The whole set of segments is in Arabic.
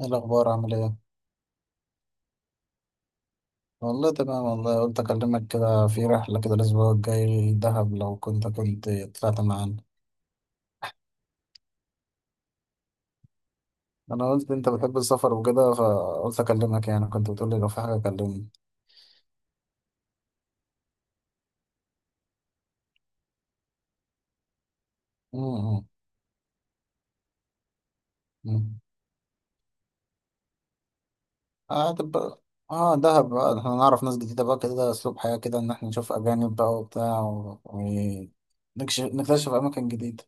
ايه الاخبار؟ عامل ايه؟ والله تمام. والله قلت اكلمك كده في رحله كده الاسبوع الجاي دهب، لو كنت طلعت معانا. انا قلت انت بتحب السفر وكده فقلت اكلمك، يعني كنت بتقول لي لو في حاجه كلمني. امم، امم. اه تبقى. اه دهب بقى احنا نعرف ناس جديده بقى، كده اسلوب حياه، كده ان احنا نشوف اجانب بقى وبتاع نكتشف اماكن جديده.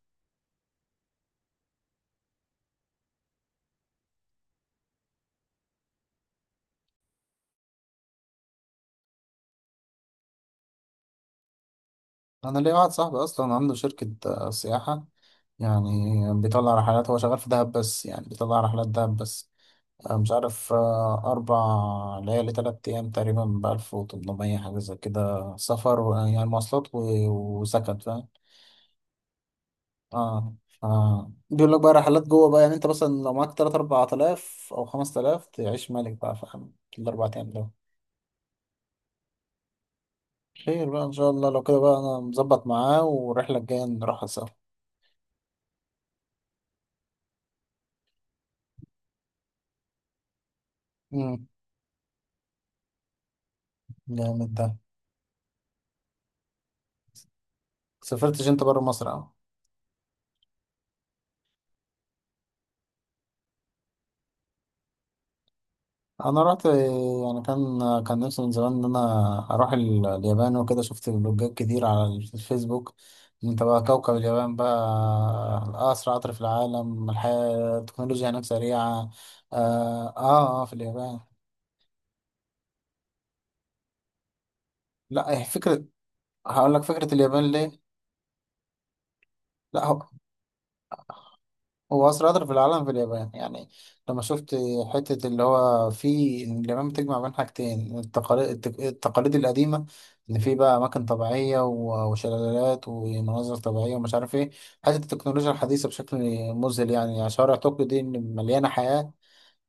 انا ليا واحد صاحبي اصلا عنده شركه سياحه، يعني بيطلع رحلات، هو شغال في دهب بس، يعني بيطلع رحلات دهب بس. أنا مش عارف، 4 ليالي 3 أيام تقريبا بـ1800 حاجة زي كده، سفر يعني مواصلات وسكن، فاهم؟ اه، اه، بيقول لك بقى رحلات جوه بقى، يعني أنت مثلا لو معاك تلات أربع آلاف أو 5 آلاف تعيش ملك بقى، فاهم؟ في الأربع أيام دول. خير بقى إن شاء الله، لو كده بقى أنا مظبط معاه والرحلة الجاية نروحها سوا. مم. جامد ده. سافرتش أنت برا مصر أهو؟ انا رحت، يعني كان نفسي من زمان ان انا اروح اليابان وكده، شفت فلوجات كتير على الفيسبوك. إن انت بقى كوكب اليابان بقى اسرع قطر في العالم، الحياة التكنولوجيا هناك سريعة. اه، اه، آه، في اليابان. لا هي فكرة، هقول لك فكرة اليابان ليه. لا، هو هو أسرع قطر في العالم في اليابان، يعني. لما شفت حتة اللي هو في إن اليابان بتجمع بين حاجتين، التقاليد القديمة. إن في بقى أماكن طبيعية وشلالات ومناظر طبيعية ومش عارف إيه. حتة التكنولوجيا الحديثة بشكل مذهل، يعني شوارع طوكيو دي إن مليانة حياة.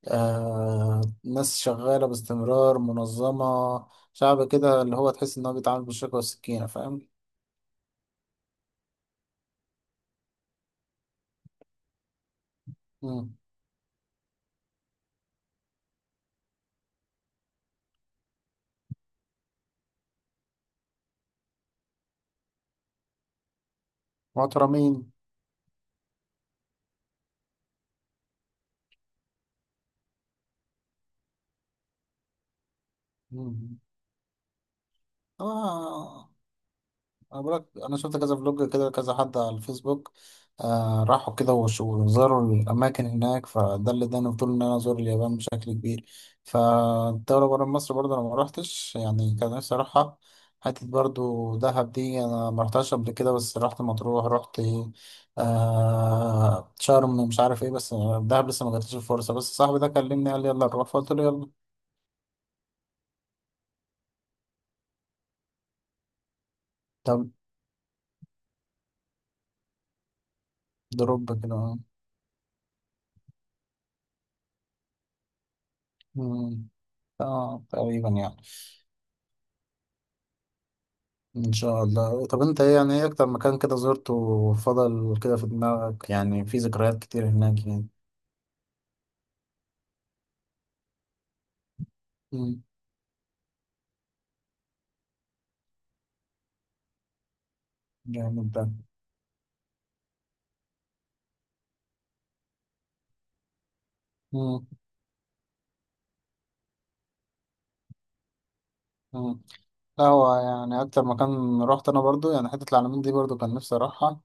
آه، ناس شغالة باستمرار منظمة. شعب كده اللي هو تحس إن هو بيتعامل بالشوكة والسكينة، فاهم؟ مم. محترمين. مم. آه. انا بقولك، انا شفت كذا فلوج كده، كذا حد على الفيسبوك. آه، راحوا كده وزاروا الاماكن هناك، فده اللي اداني فضول ان انا ازور اليابان بشكل كبير. فالدوله بره مصر برضه انا ما روحتش، يعني كان نفسي اروحها. حتة برضه دهب دي انا ما رحتهاش قبل كده، بس رحت مطروح، رحت شرم، مش عارف ايه، بس. دهب لسه ما جاتليش الفرصه، بس صاحبي ده كلمني قال لي يلا نروح، فقلت له يلا. طب. دروب كده. مم. اه، تقريبا يعني. ان شاء الله. طب انت ايه، يعني ايه اكتر مكان كده زرته وفضل كده في دماغك، يعني في ذكريات كتير هناك يعني؟ مم. جامد ده. مم. مم. لا هو يعني، اكتر مكان رحت انا برضو يعني حتة العلمين دي، برضو كان نفسي اروحها.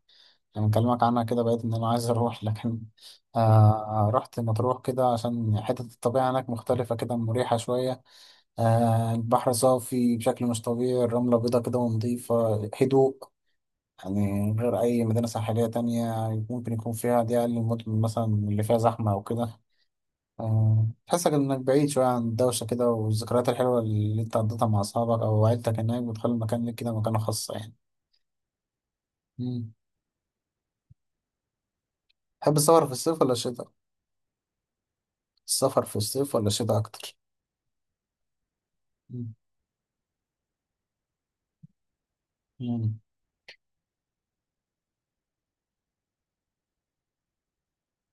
يعني اكلمك عنها كده، بقيت ان انا عايز اروح لكن. آه، رحت مطروح كده عشان حتة الطبيعة هناك مختلفة كده، مريحة شوية. آه، البحر صافي بشكل مش طبيعي، الرملة بيضة كده ونضيفة، هدوء. يعني غير أي مدينة ساحلية تانية ممكن يكون فيها، دي أقل المدن مثلا اللي فيها زحمة أو كده. آه، تحسك إنك بعيد شوية عن الدوشة كده، والذكريات الحلوة اللي أنت قضيتها مع أصحابك أو عيلتك هناك بتخلي المكان ليك كده مكانة خاصة يعني. مم. تحب السفر في الصيف ولا الشتاء؟ السفر في الصيف ولا الشتاء أكتر؟ مم. مم.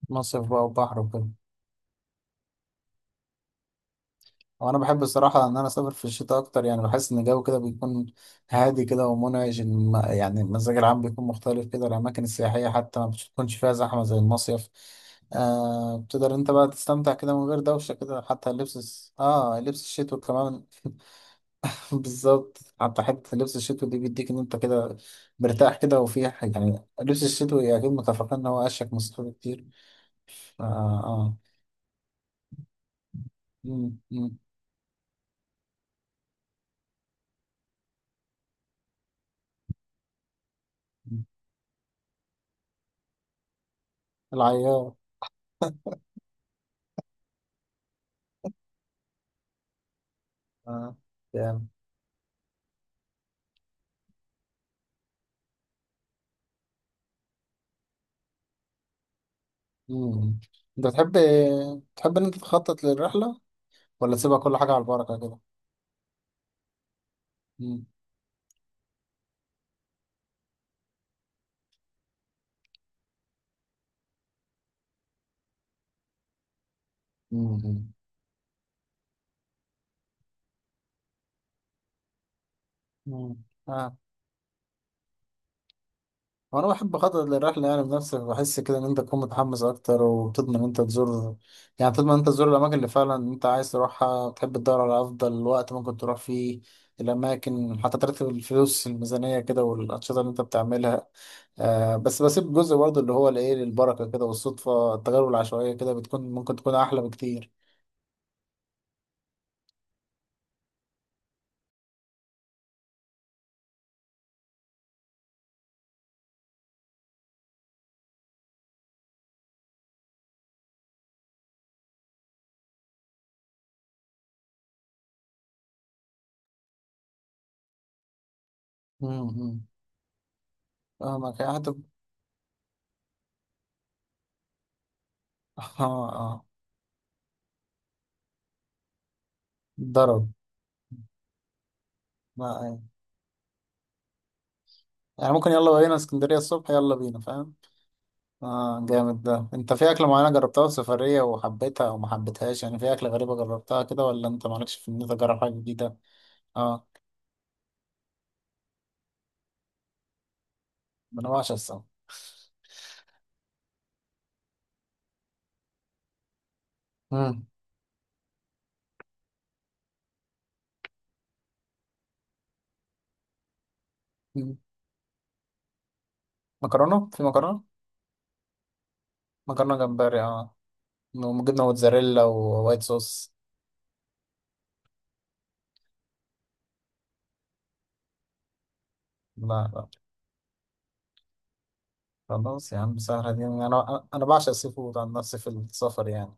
مصيف بقى وبحر وكده. وانا بحب الصراحه ان انا اسافر في الشتاء اكتر، يعني بحس ان الجو كده بيكون هادي كده ومنعش، يعني المزاج العام بيكون مختلف كده، الاماكن السياحيه حتى ما بتكونش فيها زحمه زي المصيف. آه بتقدر انت بقى تستمتع كده من غير دوشه كده، حتى اللبس لبس الشتوي كمان. بالظبط، حتى حته لبس الشتوي دي بيديك ان انت كده مرتاح كده، وفي يعني لبس الشتوي اكيد متفقين ان هو اشيك من الصيف كتير. اه. اه. مم، مم، مم. العيار. آه. مم. انت تحب، تحب ان انت تخطط للرحله ولا تسيبها كل حاجه على البركه كده؟ مم. مم. مم. اه. وانا بحب اخطط للرحله يعني بنفسي، بحس كده ان انت تكون متحمس اكتر، وبتضمن ان انت تزور، يعني تضمن ان انت تزور الاماكن اللي فعلا انت عايز تروحها، بتحب تدور على افضل وقت ممكن تروح فيه الاماكن، حتى ترتب الفلوس الميزانيه كده والانشطه اللي انت بتعملها. آه بس بسيب جزء برضه اللي هو الايه للبركه كده، والصدفه التجارب العشوائيه كده بتكون ممكن تكون احلى بكتير. مم. اه، ما كان حتى. اه، اه. ضرب. ما يعني ممكن يلا بينا اسكندرية الصبح، يلا بينا فاهم. اه جامد ده. انت في اكلة معينة جربتها في سفرية وحبيتها او ما حبيتهاش؟ يعني في اكلة غريبة جربتها كده، ولا انت مالكش في ان انت تجرب حاجة جديدة؟ اه، ما انا بعشق السمك. مم. مم. مكرونة، في مكرونة؟ مكرونة جمبري، اه. وجبنة موتزاريلا ووايت صوص. لا، لا. خلاص يا عم، سهلة دي. انا بعشق السي فود عن نفسي في السفر، يعني.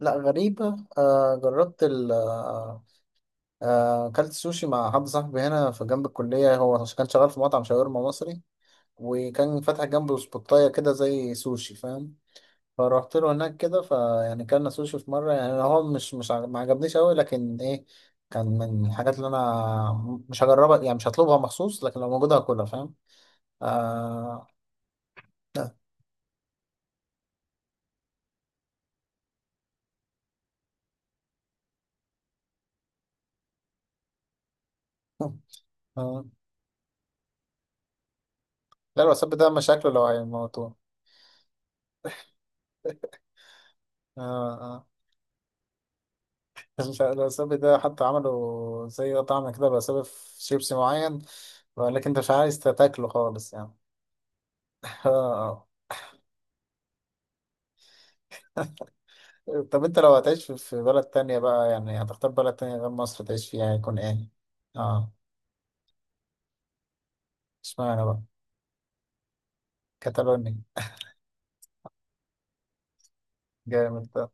لا غريبة، جربت ال أكلت سوشي مع حد صاحبي هنا في جنب الكلية، هو كان شغال في مطعم شاورما مصري، وكان فاتح جنبه سبوتاية كده زي سوشي، فاهم؟ فروحت له هناك كده، فيعني كلنا سوشي في مرة يعني، هو مش مش عج- ما عجبنيش أوي، لكن إيه كان من الحاجات اللي أنا مش هجربها، يعني مش هطلبها مخصوص، لكن لو موجودة هاكلها، فاهم؟ آه. آه. لا، الوساب ده مشاكله لو هيموتوه. آه. آه. مش عارف الوسابي ده حتى عملوا زي طعم كده بسبب في شيبسي معين، بيقول لك انت مش عايز تاكله خالص يعني. آه. طب انت لو هتعيش في بلد تانية بقى، يعني هتختار بلد تانية غير مصر تعيش فيها، هيكون ايه؟ اه. اشمعنى بقى؟ كاتالونيا. جامد ده.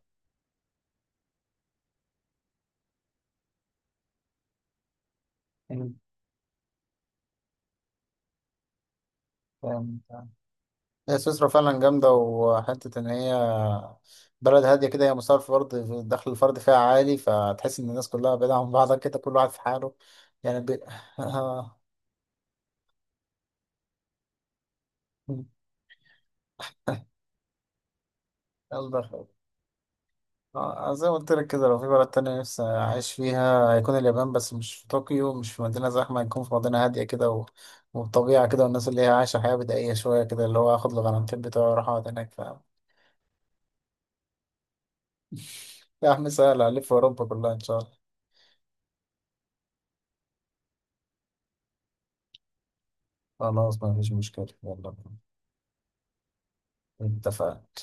مم. جامد ده. هي سويسرا فعلا جامدة، وحتة إن هي بلد هادية كده، هي مصارف فرد الدخل الفردي فيها عالي، فتحس إن الناس كلها بعيدة عن بعضها كده، كل واحد في حاله. يعني آه. يلا. آه، زي ما قلت لك كده لو في بلد تانية نفسي أعيش فيها هيكون اليابان، بس مش في طوكيو، مش في مدينة زحمة، هيكون في مدينة هادية كده والطبيعة كده، والناس اللي هي عايشة حياة بدائية شوية كده، اللي هو آخد الغرامتين بتوعي وأروح أقعد هناك، فاهم؟ يا عم سهل، ألف، أوروبا كلها إن شاء الله. خلاص ما فيش مشكلة، يلا بينا. اتفقنا.